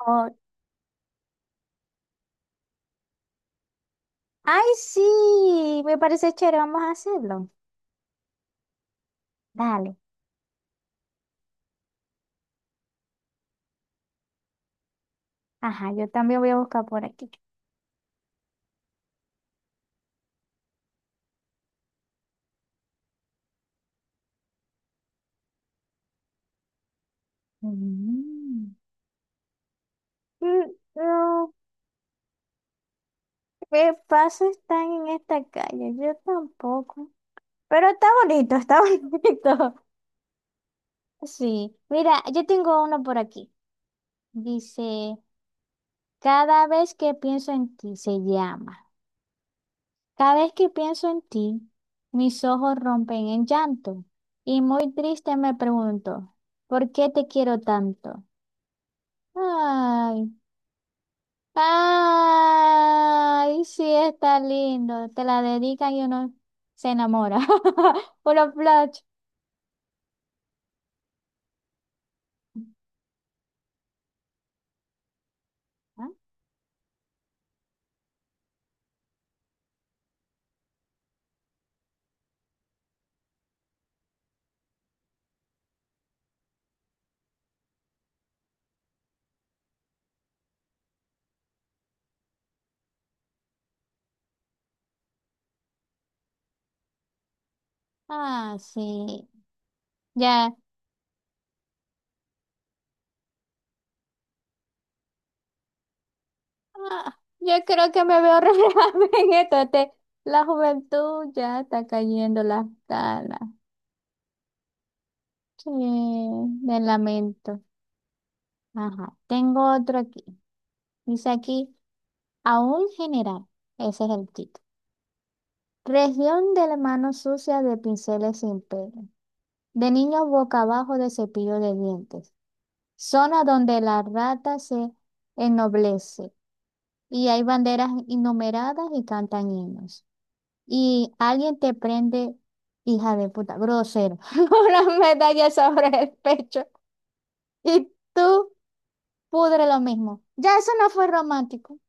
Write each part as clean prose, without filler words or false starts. Oh, ay, sí, me parece chévere, vamos a hacerlo. Dale. Ajá, yo también voy a buscar por aquí. Mm. Mm, no, ¿qué paso están en esta calle? Yo tampoco. Pero está bonito, está bonito. Sí, mira, yo tengo uno por aquí. Dice, cada vez que pienso en ti, se llama. Cada vez que pienso en ti, mis ojos rompen en llanto. Y muy triste me pregunto, ¿por qué te quiero tanto? Ay, ay, sí está lindo. Te la dedican y uno se enamora. Puro flash. Ah, ah, sí. Ya. Ah, yo creo que me veo reflejada en esto. La juventud ya está cayendo las canas. Sí, me lamento. Ajá. Tengo otro aquí. Dice aquí, a un general. Ese es el título. Región de la mano sucia de pinceles sin pelo, de niños boca abajo de cepillo de dientes, zona donde la rata se ennoblece y hay banderas innumeradas y cantan himnos. Y alguien te prende, hija de puta, grosero, una medalla sobre el pecho y tú pudre lo mismo. Ya eso no fue romántico.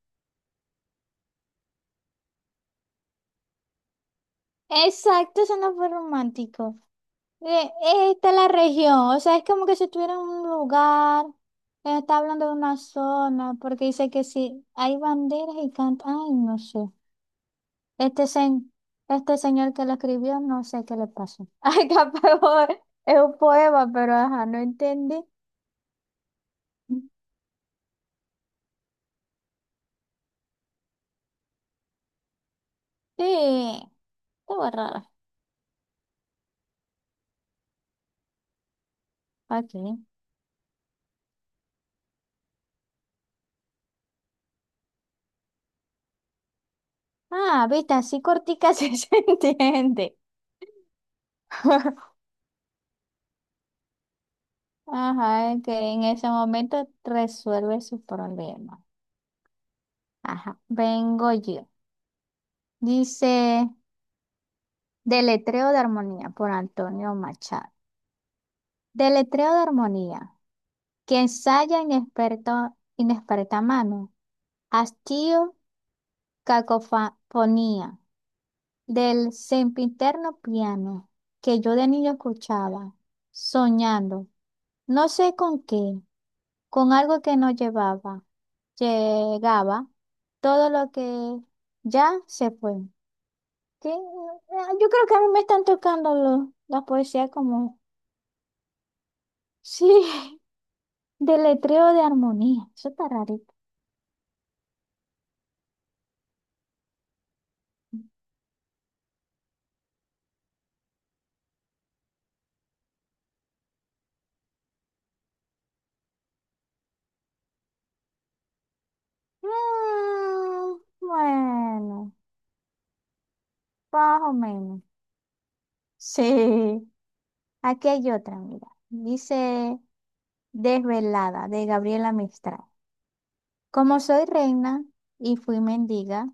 Exacto, eso no fue romántico. Eh, Esta es la región, o sea, es como que si estuviera en un lugar. Ella está hablando de una zona, porque dice que si hay banderas y canta, ay, no sé. Este, este señor que lo escribió, no sé qué le pasó. Ay, capaz es un poema, pero ajá, no entendí. Sí, estuvo raro. Ok. Ah, viste, así cortica sí se entiende. Ajá, es que en ese momento resuelve sus problemas. Ajá, vengo yo. Dice, Deletreo de Armonía por Antonio Machado. Deletreo de armonía, que ensaya inexperto, inexperta mano, hastío, cacofonía, del sempiterno piano, que yo de niño escuchaba, soñando, no sé con qué, con algo que no llevaba, llegaba, todo lo que ya se fue. Que, yo creo que a mí me están tocando la poesía como, sí, deletreo de armonía, eso está rarito. Mm, bueno, más o menos. Sí. Aquí hay otra, mira. Dice Desvelada, de Gabriela Mistral. Como soy reina y fui mendiga,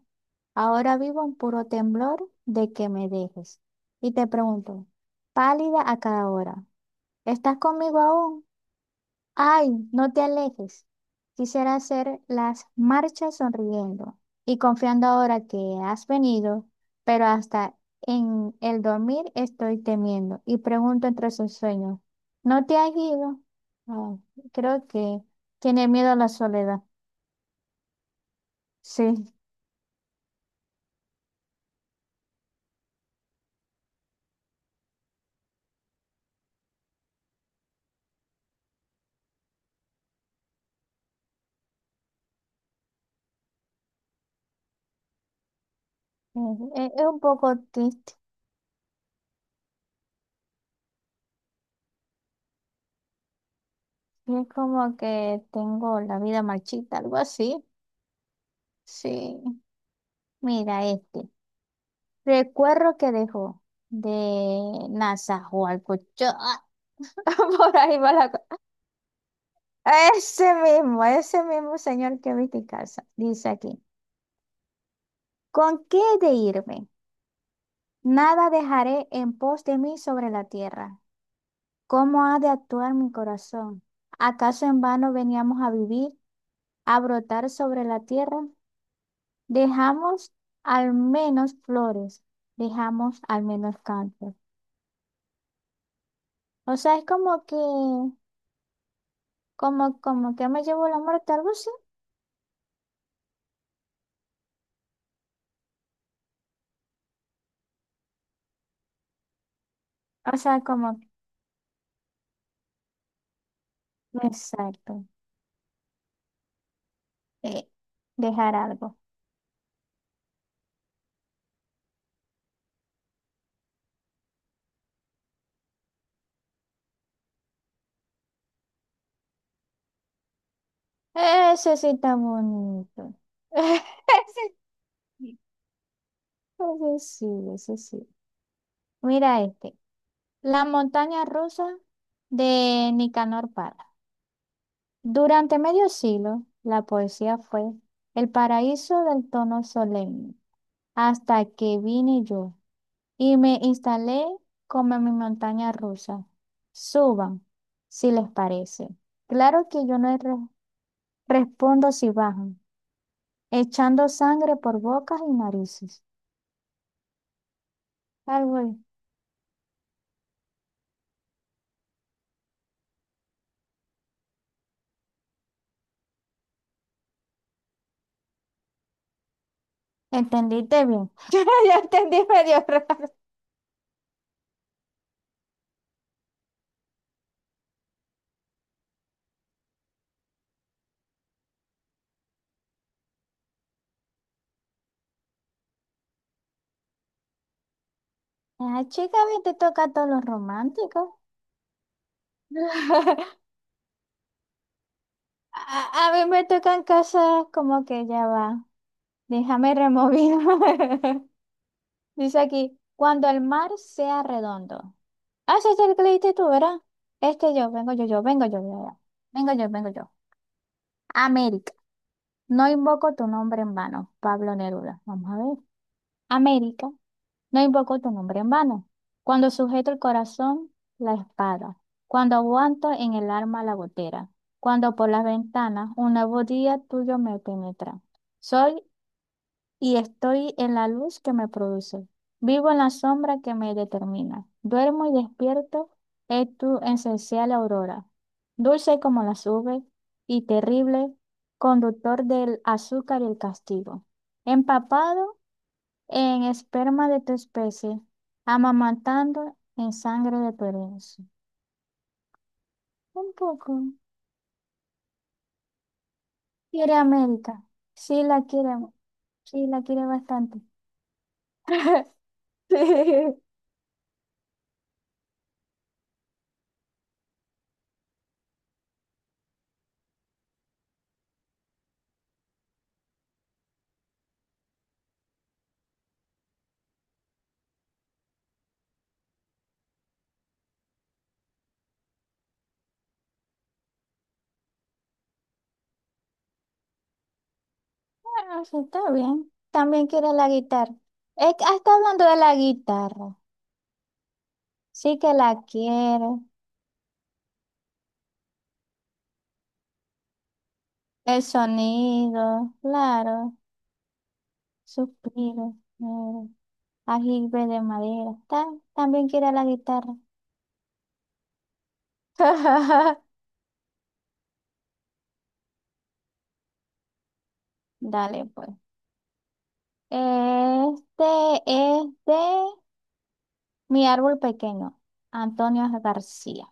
ahora vivo en puro temblor de que me dejes. Y te pregunto, pálida a cada hora, ¿estás conmigo aún? Ay, no te alejes. Quisiera hacer las marchas sonriendo y confiando ahora que has venido, pero hasta en el dormir estoy temiendo y pregunto entre sus sueños, ¿no te has ido? Ay, creo que tiene miedo a la soledad. Sí, es, es un poco triste. Es como que tengo la vida marchita, algo así. Sí, mira este. Recuerdo que dejó de Nazahualcóyotl. Por ahí va la cosa. Ese mismo señor que vi en casa. Dice aquí: ¿Con qué he de irme? Nada dejaré en pos de mí sobre la tierra. ¿Cómo ha de actuar mi corazón? ¿Acaso en vano veníamos a vivir, a brotar sobre la tierra? Dejamos al menos flores, dejamos al menos cantos. O sea, es como que. Como, como que me llevó la muerte, algo así. O sea, como, exacto. eh, Dejar algo. Ese sí está bonito. Ese sí, ese sí, ese sí. Mira este. La montaña rusa de Nicanor Parra. Durante medio siglo, la poesía fue el paraíso del tono solemne. Hasta que vine yo. Y me instalé como en mi montaña rusa. Suban, si les parece. Claro que yo no respondo si bajan, echando sangre por bocas y narices. Algo ahí. ¿Entendiste bien? Yo entendí medio raro. Ah, chica, a mí te toca todos los románticos. A, a mí me tocan cosas como que ya va. Déjame remover. Dice aquí, cuando el mar sea redondo. Ah, ese es el que leíste tú, ¿verdad? Este yo, vengo yo, yo, vengo yo, yo, yo. Vengo yo, vengo yo. América, no invoco tu nombre en vano, Pablo Neruda. Vamos a ver. América, no invoco tu nombre en vano. Cuando sujeto el corazón, la espada. Cuando aguanto en el arma la gotera. Cuando por las ventanas un nuevo día tuyo me penetra. Soy y estoy en la luz que me produce. Vivo en la sombra que me determina. Duermo y despierto, es tu esencial aurora. Dulce como las nubes y terrible, conductor del azúcar y el castigo. Empapado en esperma de tu especie, amamantando en sangre de tu herencia. Un poco. Quiere América. Sí la quiere, sí la quiere bastante. Sí. Ah, sí, está bien. También quiere la guitarra. Ah, está hablando de la guitarra. Sí que la quiere. El sonido, claro. Suspiro. Ajibe de madera. Está, también quiere la guitarra. Dale, pues. Este es de Mi árbol pequeño, Antonio García.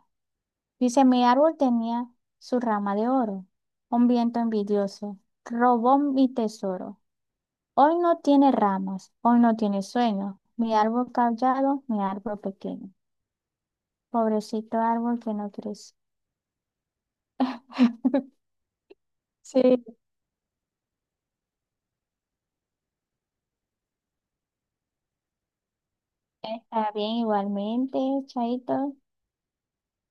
Dice, mi árbol tenía su rama de oro, un viento envidioso, robó mi tesoro. Hoy no tiene ramas, hoy no tiene sueño. Mi árbol callado, mi árbol pequeño. Pobrecito árbol que no crece. Sí. Está bien, igualmente, Chaito.